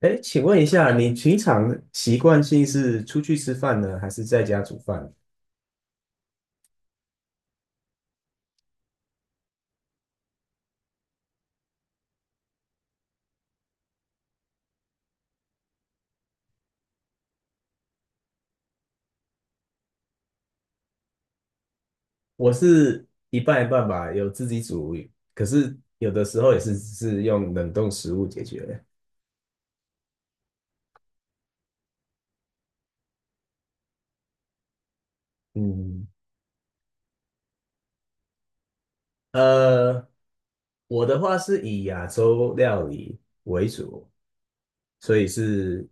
哎，请问一下，你平常习惯性是出去吃饭呢，还是在家煮饭？我是一半一半吧，有自己煮，可是有的时候也是用冷冻食物解决的。嗯，呃，我的话是以亚洲料理为主，所以是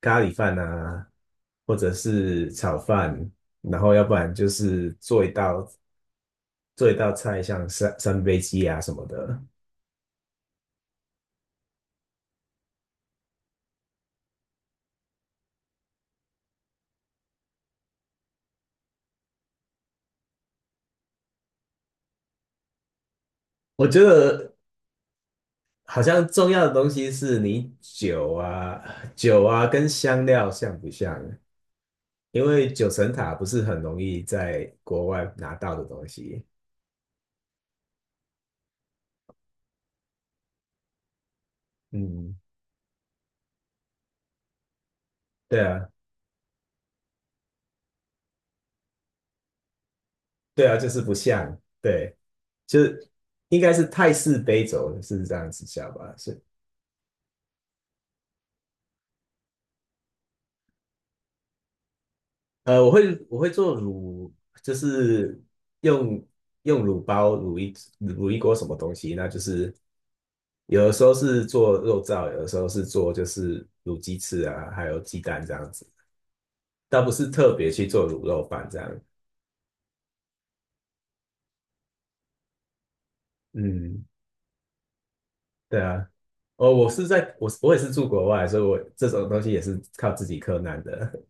咖喱饭啊，或者是炒饭，然后要不然就是做一道菜，像三杯鸡啊什么的。我觉得好像重要的东西是你酒啊跟香料像不像？因为九层塔不是很容易在国外拿到的东西。嗯，对啊，对啊，就是不像，对，就是应该是泰式杯酒是这样子叫吧？是。我会做卤，就是用用卤包卤一锅什么东西，那就是有的时候是做肉燥，有的时候是做就是卤鸡翅啊，还有鸡蛋这样子，倒不是特别去做卤肉饭这样。嗯，对啊，哦，我也是住国外，所以我这种东西也是靠自己克难的。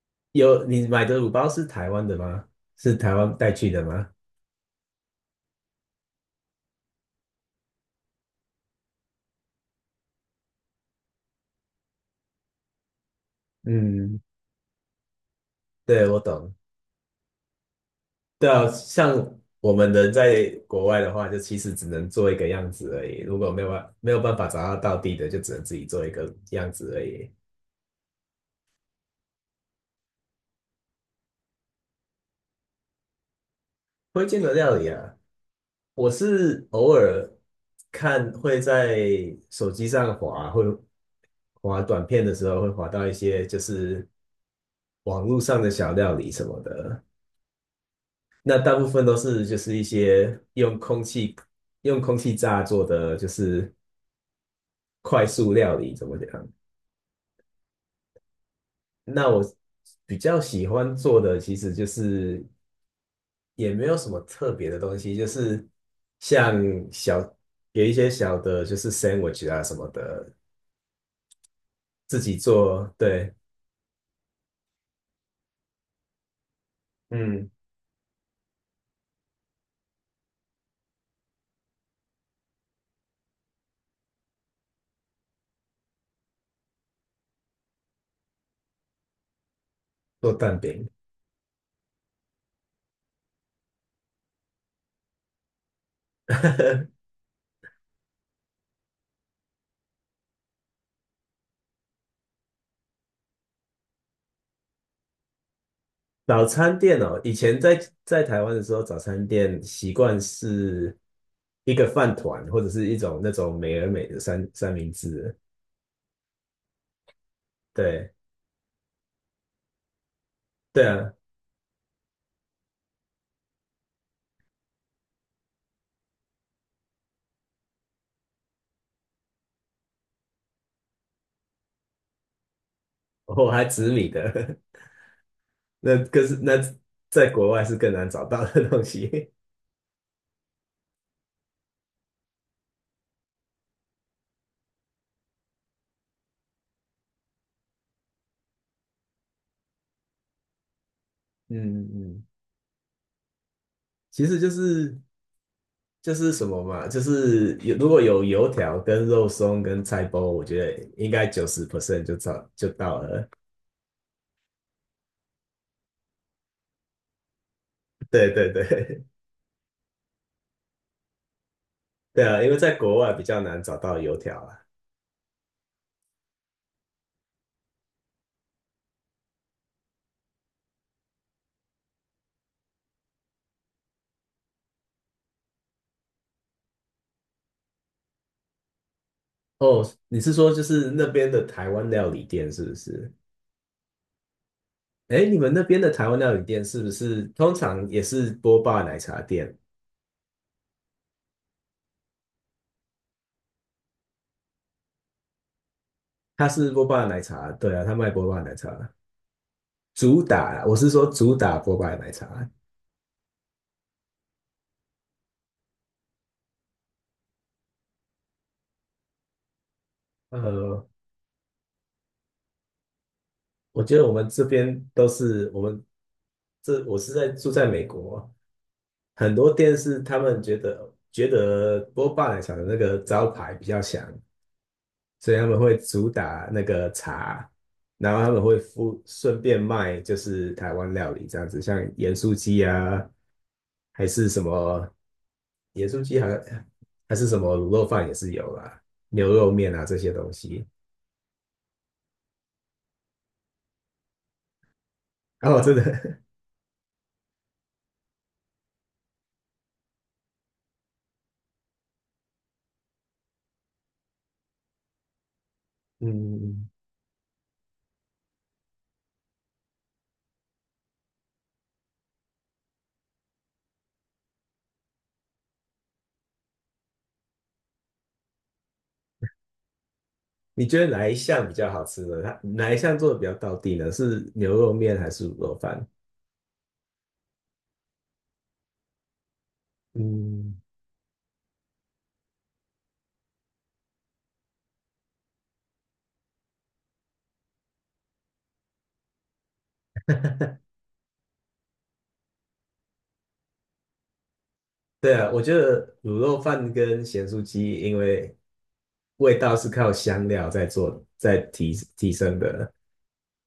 你买的卤包是台湾的吗？是台湾带去的吗？嗯，对，我懂。对啊，像我们人在国外的话，就其实只能做一个样子而已。如果没有办法找到道地的，就只能自己做一个样子而已。推荐的料理啊，我是偶尔会在手机上滑，会滑短片的时候会滑到一些就是网络上的小料理什么的。那大部分都是就是一些用空气炸做的，就是快速料理，怎么讲？那我比较喜欢做的其实就是也没有什么特别的东西，就是像小，有一些小的，就是 sandwich 啊什么的，自己做，对，嗯，做蛋饼。早餐店哦，以前在台湾的时候，早餐店习惯是一个饭团或者是一种那种美而美的三明治，对对啊，我还紫米的，可是那在国外是更难找到的东西。嗯嗯，其实就是什么嘛，就是如果有油条跟肉松跟菜包，我觉得应该90% 就到了。对对对，对啊，因为在国外比较难找到油条啊。哦，你是说就是那边的台湾料理店是不是？哎，你们那边的台湾料理店是不是通常也是波霸奶茶店？它是波霸奶茶，对啊，它卖波霸奶茶。主打，我是说主打波霸奶茶。呃，我觉得我们这边都是我们这我住在美国，很多店是他们觉得波霸奶茶的那个招牌比较响，所以他们会主打那个茶，然后他们会顺便卖就是台湾料理这样子，像盐酥鸡啊，还是什么盐酥鸡好像，还是什么卤肉饭也是有啦，牛肉面啊这些东西。然后真的。嗯，你觉得哪一项比较好吃呢？它哪一项做的比较到地呢？是牛肉面还是卤肉饭？嗯，对啊，我觉得卤肉饭跟咸酥鸡，因为味道是靠香料在做，在提升的，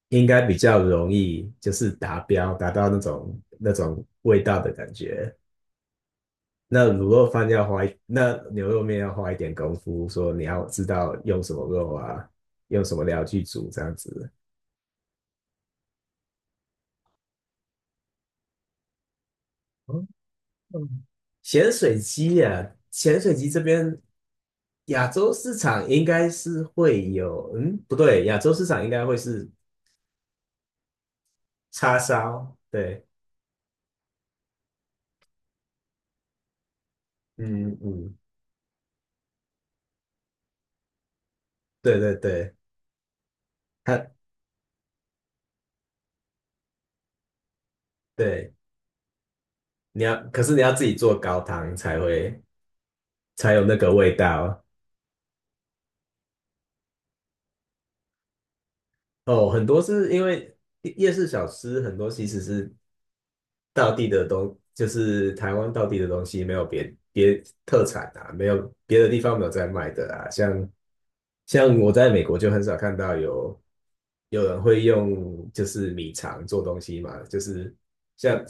应该比较容易就是达标，达到那种味道的感觉。那牛肉面要花一点功夫，说你要知道用什么肉啊，用什么料去煮这样子。嗯，咸水鸡这边亚洲市场应该是会有，嗯，不对，亚洲市场应该会是叉烧，对，嗯嗯，对对对，它对，你要，可是你要自己做高汤才有那个味道哦。很多是因为夜市小吃很多其实是道地的东，就是台湾道地的东西，没有别特产啊，没有别的地方没有在卖的啊。像我在美国就很少看到有人会用就是米肠做东西嘛，就是像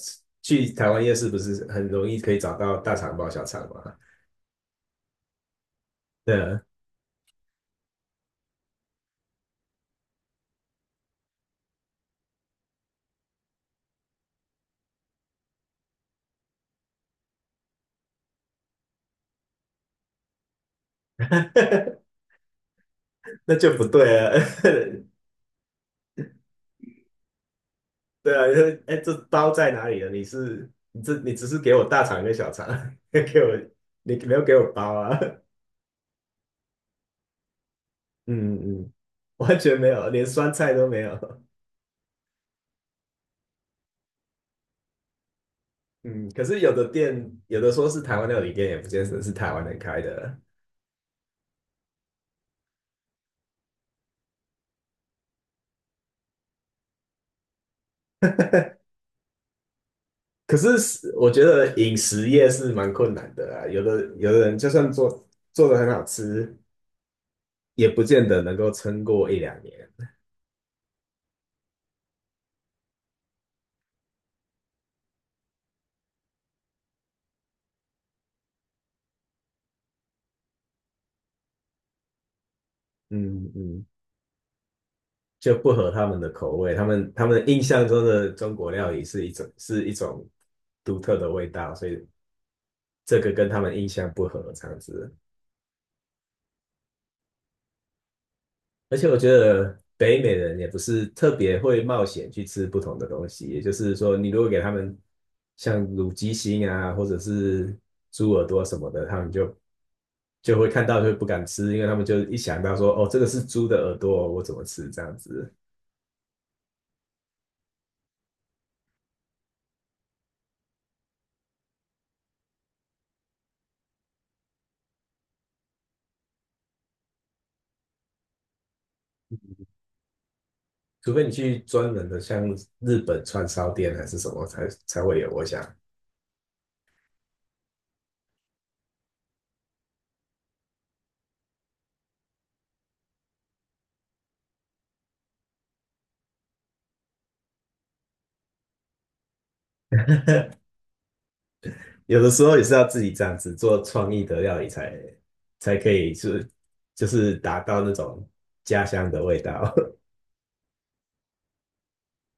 去台湾夜市不是很容易可以找到大肠包小肠嘛？对啊，那就不对啊，对啊，你说哎，这包在哪里了？你只是给我大肠跟小肠，给我你没有给我包啊？嗯嗯，完全没有，连酸菜都没有。嗯，可是有的店，有的说是台湾料理店，也不见得是台湾人开的。可是我觉得饮食业是蛮困难的啊，有的人就算做的很好吃，也不见得能够撑过一两年。嗯嗯，就不合他们的口味，他们印象中的中国料理是一种独特的味道，所以这个跟他们印象不合，这样子。而且我觉得北美人也不是特别会冒险去吃不同的东西，也就是说，你如果给他们像卤鸡心啊，或者是猪耳朵什么的，他们就会看到就不敢吃，因为他们就一想到说，哦，这个是猪的耳朵，我怎么吃这样子？除非你去专门的像日本串烧店还是什么才会有，我想有的时候也是要自己这样子做创意的料理才可以就是达到那种家乡的味道。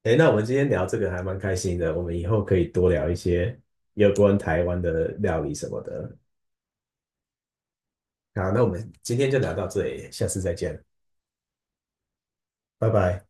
哎，那我们今天聊这个还蛮开心的，我们以后可以多聊一些有关台湾的料理什么的。好，那我们今天就聊到这里，下次再见，拜拜。